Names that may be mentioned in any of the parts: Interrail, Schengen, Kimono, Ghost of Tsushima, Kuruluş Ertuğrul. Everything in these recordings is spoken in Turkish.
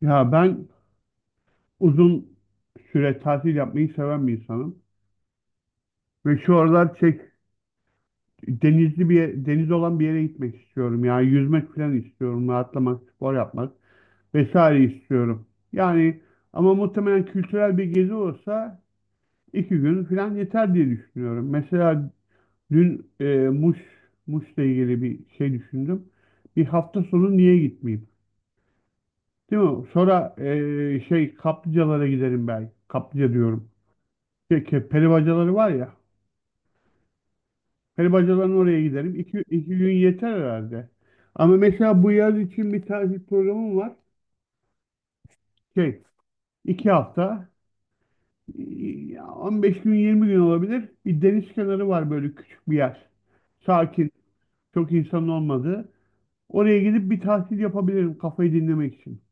Ya ben uzun süre tatil yapmayı seven bir insanım. Ve şu aralar çek, denizli bir deniz olan bir yere gitmek istiyorum. Yani yüzmek falan istiyorum. Rahatlamak, spor yapmak vesaire istiyorum. Yani ama muhtemelen kültürel bir gezi olsa iki gün falan yeter diye düşünüyorum. Mesela dün, Muş, Muş'la ilgili bir şey düşündüm. Bir hafta sonu niye gitmeyeyim? Değil mi? Sonra, şey kaplıcalara giderim belki. Kaplıca diyorum. Peki peri bacaları var ya. Peri bacalarının oraya giderim. İki, iki gün yeter herhalde. Ama mesela bu yaz için bir tatil programım var. Şey, iki hafta. Ya 15 gün 20 gün olabilir. Bir deniz kenarı var böyle küçük bir yer. Sakin. Çok insanın olmadığı. Oraya gidip bir tatil yapabilirim kafayı dinlemek için.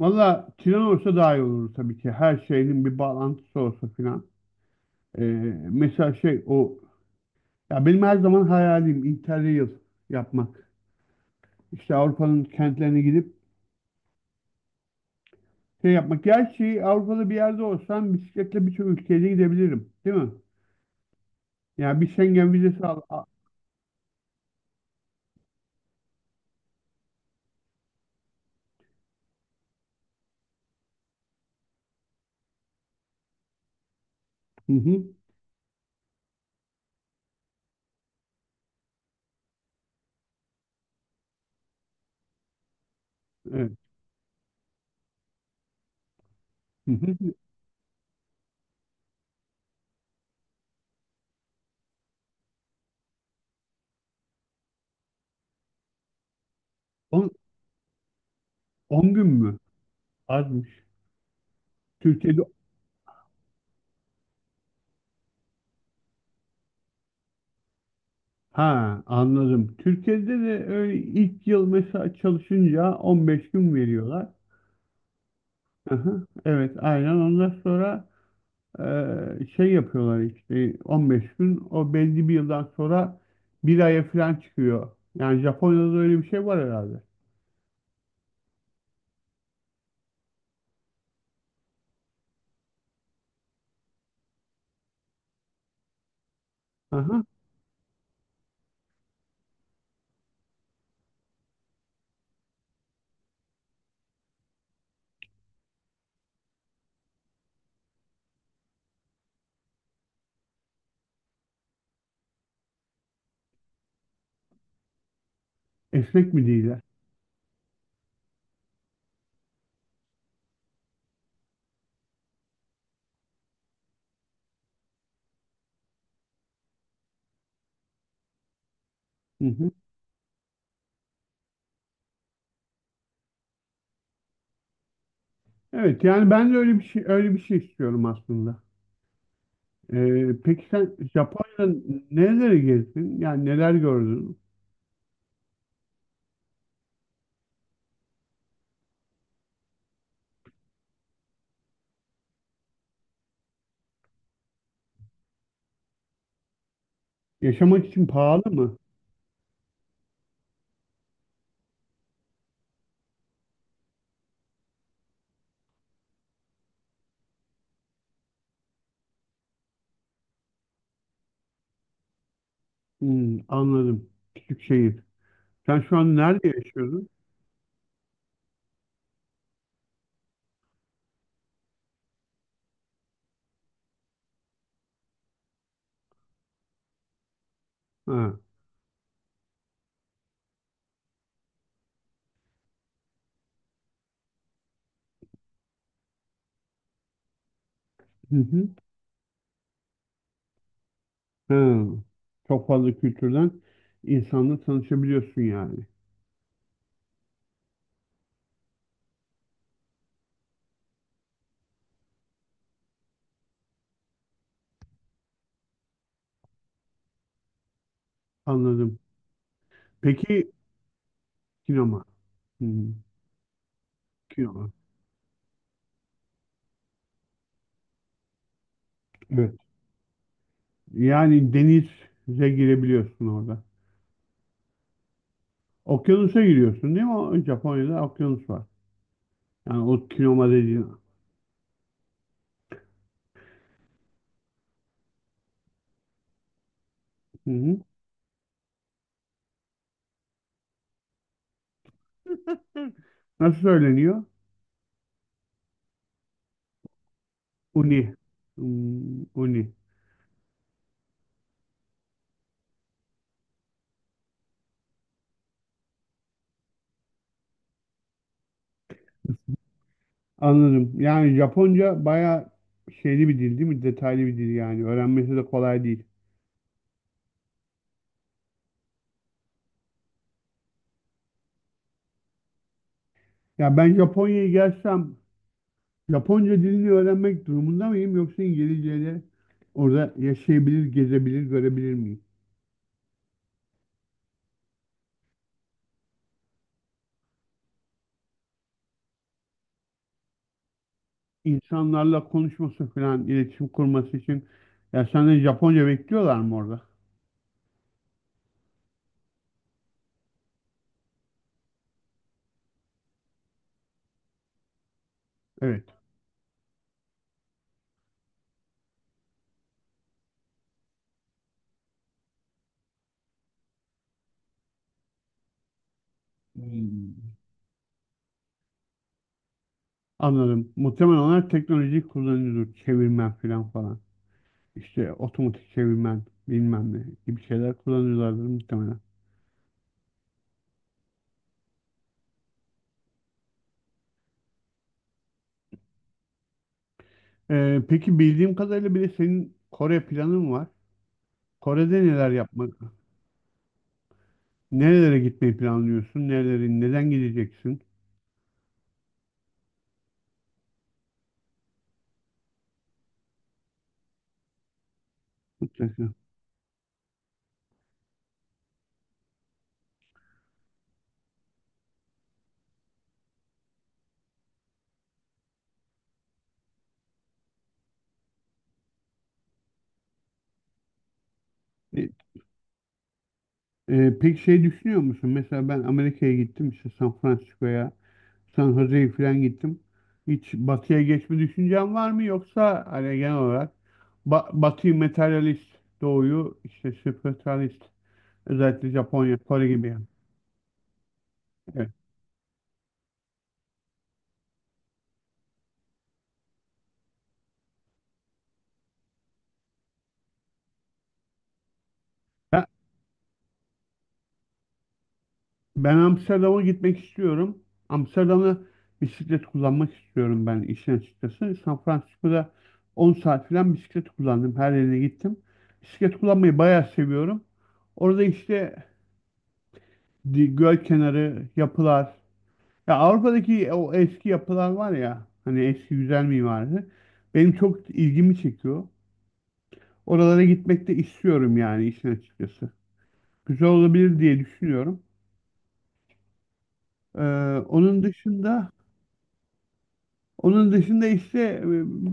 Valla tren olsa daha iyi olur tabii ki. Her şeyin bir bağlantısı olsa filan. Ee, mesela şey o ya benim her zaman hayalim Interrail yapmak. İşte Avrupa'nın kentlerine gidip şey yapmak. Gerçi Avrupa'da bir yerde olsam bisikletle birçok ülkeye gidebilirim. Değil mi? Yani bir Schengen vizesi al. Hı hı. Evet. Hı hı. 10 gün mü? Azmış. Türkiye'de, ha, anladım. Türkiye'de de öyle ilk yıl mesela çalışınca 15 gün veriyorlar. Hı hı. Evet, aynen. Ondan sonra şey yapıyorlar işte 15 gün, o belli bir yıldan sonra bir aya falan çıkıyor. Yani Japonya'da da öyle bir şey var herhalde. Aha. Esnek mi değil? Hı hı. Evet, yani ben de öyle bir şey öyle bir şey istiyorum aslında. Peki sen Japonya'da nereleri gezdin? Yani neler gördün? Yaşamak için pahalı mı? Hmm, anladım. Küçük şehir. Sen şu an nerede yaşıyorsun? Ha. Hı hı. Ha. Çok fazla kültürden insanla tanışabiliyorsun yani. Anladım. Peki sinema. Hmm, sinema. Evet. Yani denize girebiliyorsun orada. Okyanusa giriyorsun değil mi? O Japonya'da okyanus var. Yani o kinoma dediğin. Hı hı. Hı. Nasıl söyleniyor? Uni. Hmm, uni. Anladım. Yani Japonca bayağı şeyli bir dil değil mi? Detaylı bir dil yani. Öğrenmesi de kolay değil. Ya ben Japonya'ya gelsem Japonca dilini öğrenmek durumunda mıyım yoksa İngilizceyle orada yaşayabilir, gezebilir, görebilir miyim? İnsanlarla konuşması falan, iletişim kurması için ya senden Japonca bekliyorlar mı orada? Evet. Hmm. Anladım. Muhtemelen onlar teknolojiyi kullanıyordur. Çevirmen falan falan. İşte otomatik çevirmen bilmem ne gibi şeyler kullanıyorlardır muhtemelen. Peki bildiğim kadarıyla bir de senin Kore planın var. Kore'de neler yapmak, nerelere gitmeyi planlıyorsun, nereleri, neden gideceksin? Mutlaka. E, peki şey düşünüyor musun? Mesela ben Amerika'ya gittim işte San Francisco'ya, San Jose'ye falan gittim. Hiç batıya geçme düşüncen var mı yoksa hani genel olarak batıyı materyalist, doğuyu işte spiritualist, özellikle Japonya, Kore gibi yani. Evet. Ben, ben Amsterdam'a gitmek istiyorum. Amsterdam'da bisiklet kullanmak istiyorum ben işin açıkçası. San Francisco'da 10 saat falan bisiklet kullandım. Her yerine gittim. Bisiklet kullanmayı bayağı seviyorum. Orada işte göl kenarı, yapılar, ya Avrupa'daki o eski yapılar var ya hani eski güzel mimarisi benim çok ilgimi çekiyor. Oralara gitmek de istiyorum yani işin açıkçası. Güzel olabilir diye düşünüyorum. Ee, onun dışında onun dışında işte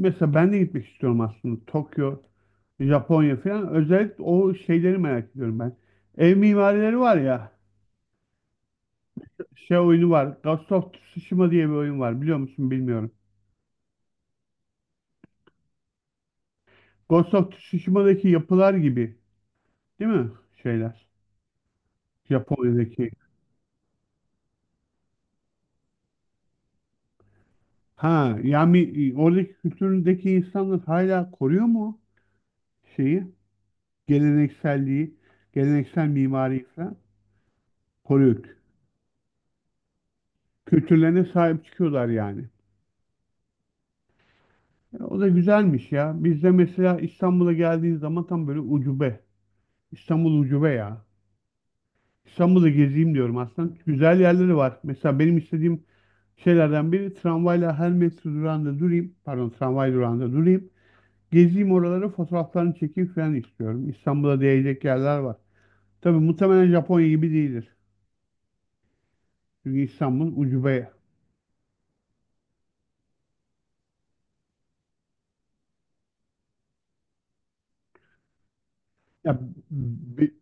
mesela ben de gitmek istiyorum aslında Tokyo, Japonya falan. Özellikle o şeyleri merak ediyorum ben. Ev mimarileri var ya, şey oyunu var. Ghost of Tsushima diye bir oyun var, biliyor musun bilmiyorum. Ghost of Tsushima'daki yapılar gibi değil mi şeyler? Japonya'daki. Ha yani oradaki kültüründeki insanlar hala koruyor mu şeyi? Gelenekselliği, geleneksel mimariyi falan koruyor. Kültürlerine sahip çıkıyorlar yani. E, o da güzelmiş ya. Bizde mesela İstanbul'a geldiğin zaman tam böyle ucube. İstanbul ucube ya. İstanbul'u gezeyim diyorum aslında. Güzel yerleri var. Mesela benim istediğim şeylerden biri tramvayla her metro durağında durayım. Pardon, tramvay durağında durayım. Gezeyim oraları, fotoğraflarını çekeyim falan istiyorum. İstanbul'a değecek yerler var. Tabii muhtemelen Japonya gibi değildir. Çünkü İstanbul ucube. Ya, be-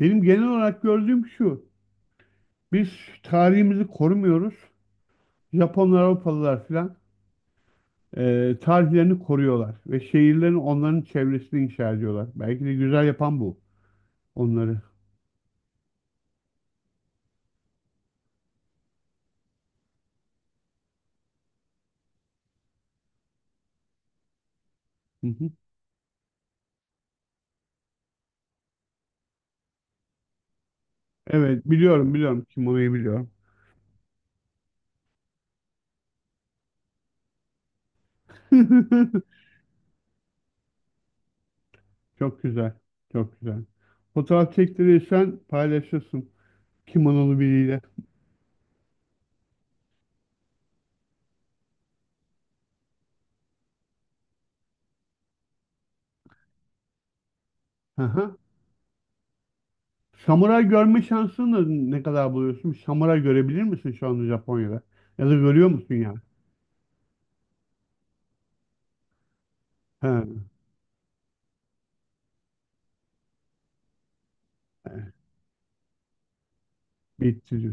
benim genel olarak gördüğüm şu. Biz tarihimizi korumuyoruz. Japonlar, Avrupalılar falan tarihlerini koruyorlar. Ve şehirlerini, onların çevresini inşa ediyorlar. Belki de güzel yapan bu onları. Hı hı. Evet, biliyorum, biliyorum. Kimono'yu biliyorum. Çok güzel. Çok güzel. Fotoğraf çektirirsen paylaşırsın. Kimonolu biriyle. Aha. Samuray görme şansını da ne kadar buluyorsun? Samuray görebilir misin şu anda Japonya'da? Ya da görüyor musun yani? Ha, bitti.